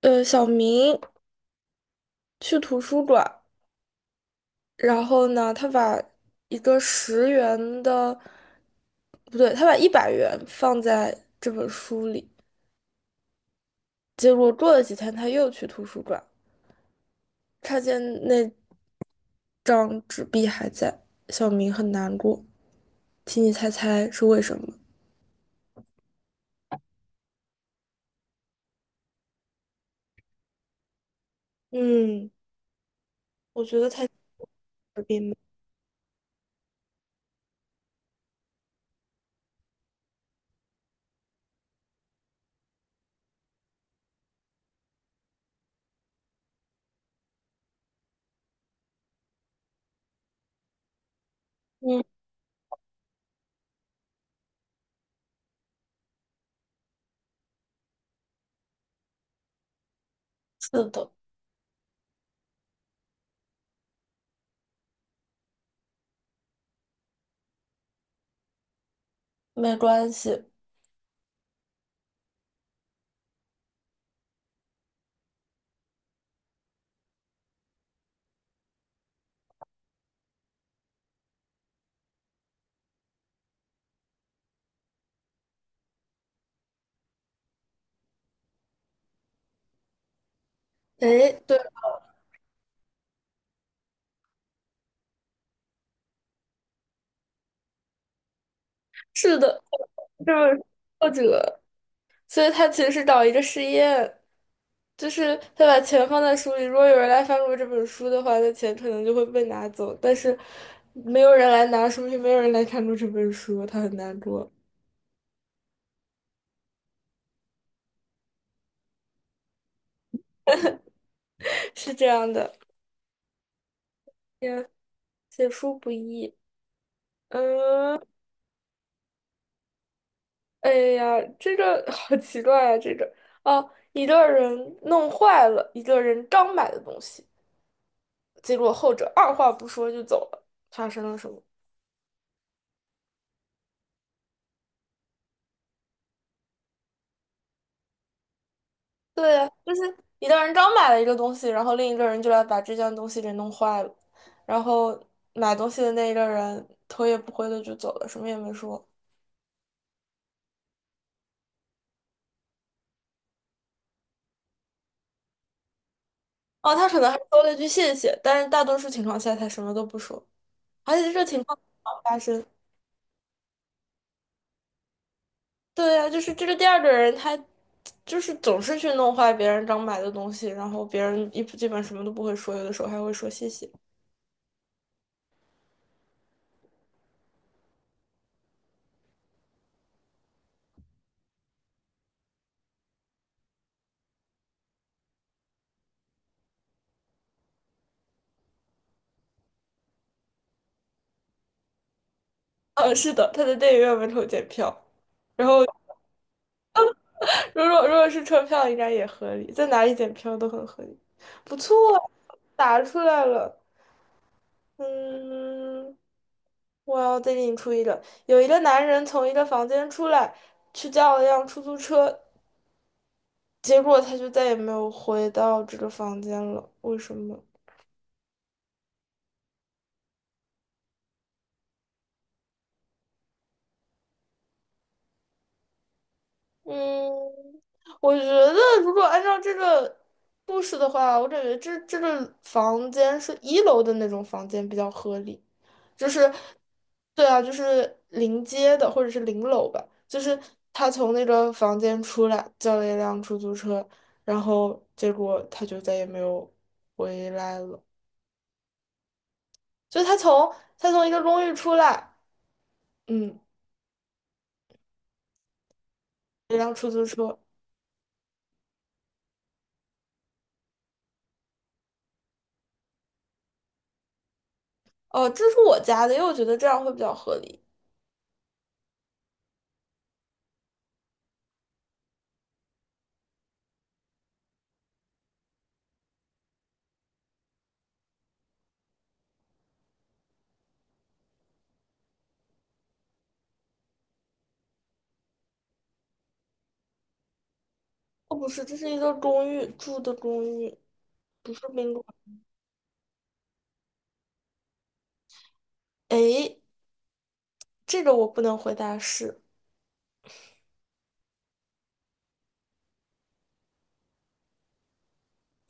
小明去图书馆，然后呢，他把一个10元的，不对，他把100元放在这本书里。结果过了几天，他又去图书馆，看见那张纸币还在，小明很难过。请你猜猜是为什么？嗯，我觉得他纸币了。嗯，是的。没关系。哎，对，是的。这本书作者，所以他其实是找一个实验，就是他把钱放在书里。如果有人来翻过这本书的话，那钱可能就会被拿走。但是没有人来拿，说明没有人来看过这本书，他很难过。是这样的，写书不易。嗯，哎呀，这个 好奇怪啊！这个哦，一个人弄坏了一个人刚买的东西，结果后者二话不说就走了，发生了什么？对呀，就是一个人刚买了一个东西，然后另一个人就来把这件东西给弄坏了，然后买东西的那一个人头也不回的就走了，什么也没说。哦，他可能还说了一句谢谢，但是大多数情况下他什么都不说，而且这个情况老发生。对呀，就是这个第二个人他就是总是去弄坏别人刚买的东西，然后别人一基本什么都不会说，有的时候还会说谢谢。是的，他在电影院门口检票。如果是车票，应该也合理，在哪里检票都很合理。不错，答出来了。嗯，我要再给你出一个：有一个男人从一个房间出来，去叫了一辆出租车，结果他就再也没有回到这个房间了。为什么？嗯，我觉得如果按照这个故事的话，我感觉这个房间是一楼的那种房间比较合理。就是对啊，就是临街的或者是临楼吧，就是他从那个房间出来，叫了一辆出租车，然后结果他就再也没有回来了。就他从一个公寓出来，嗯，一辆出租车，哦，这是我家的，因为我觉得这样会比较合理。哦，不是，这是一个公寓，住的公寓，不是宾馆。诶，这个我不能回答是，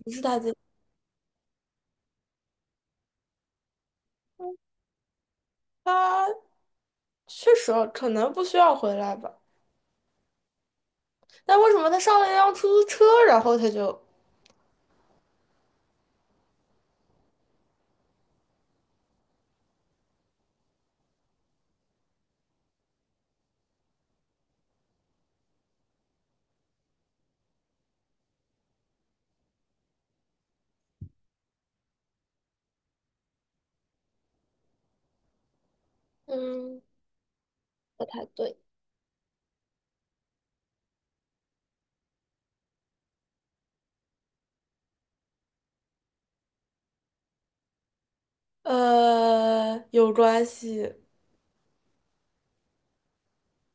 不是大姐，他确实啊可能不需要回来吧。但为什么他上了一辆出租车，然后他就嗯，不太对。有关系？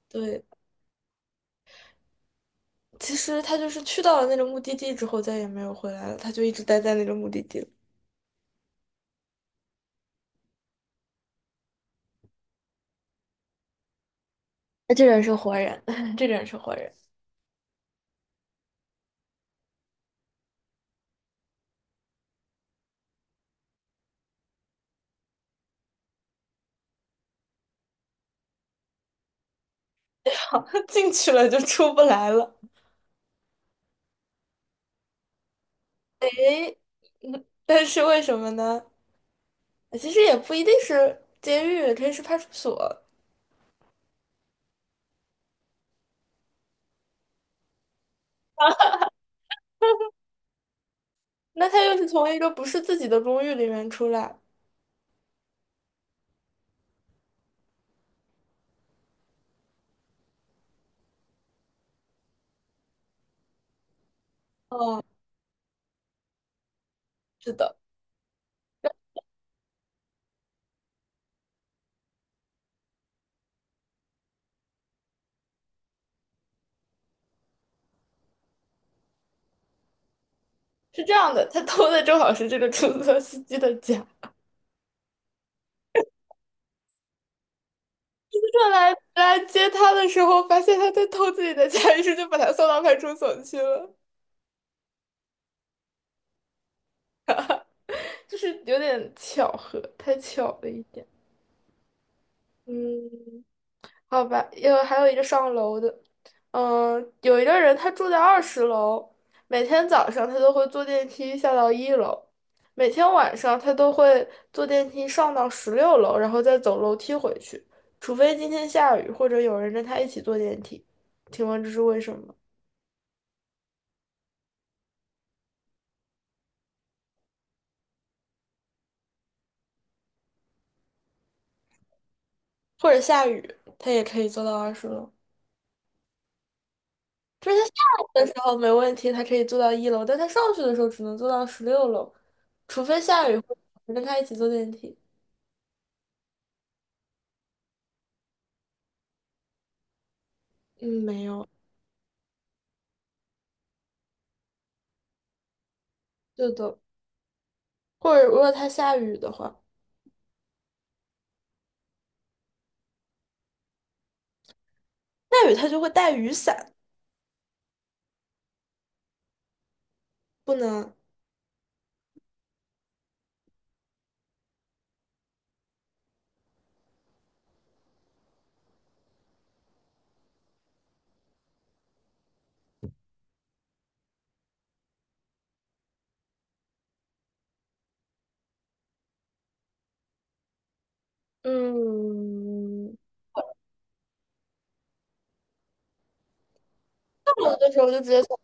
对，其实他就是去到了那个目的地之后，再也没有回来了，他就一直待在那个目的地了。那这人是活人，这个人是活人。好，进去了就出不来了。嗯，但是为什么呢？其实也不一定是监狱，也可以是派出所。那他又是从一个不是自己的公寓里面出来。哦，是的。是这样的，他偷的正好是这个出租车司机的家。他来接他的时候，发现他在偷自己的家，于是就把他送到派出所去了。就是有点巧合，太巧了一点。嗯。好吧，还有一个上楼的。嗯，有一个人他住在二十楼，每天早上他都会坐电梯下到一楼，每天晚上他都会坐电梯上到十六楼，然后再走楼梯回去，除非今天下雨或者有人跟他一起坐电梯。请问这是为什么？或者下雨，他也可以坐到二十楼，就是他下来的时候没问题，他可以坐到一楼，但他上去的时候只能坐到十六楼，除非下雨或者有人跟他一起坐电梯。嗯，没有。对的，或者如果它下雨的话，下雨他就会带雨伞，不能。嗯，有的时候就直接想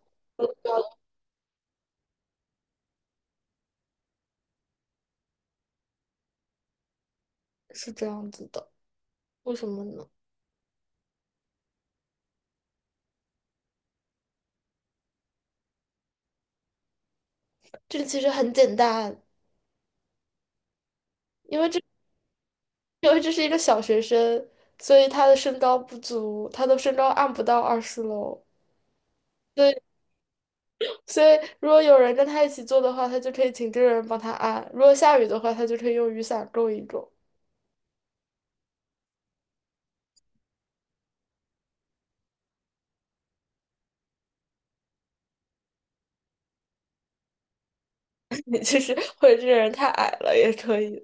是这样子的，为什么呢？这个其实很简单，因为这 因为这是一个小学生，所以他的身高不足，他的身高按不到二十楼。所以，所以如果有人跟他一起做的话，他就可以请这个人帮他按；如果下雨的话，他就可以用雨伞够一够。其实或者这个人太矮了也可以。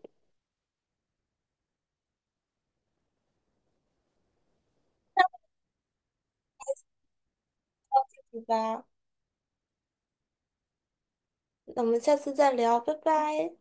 对吧，那我们下次再聊，拜拜。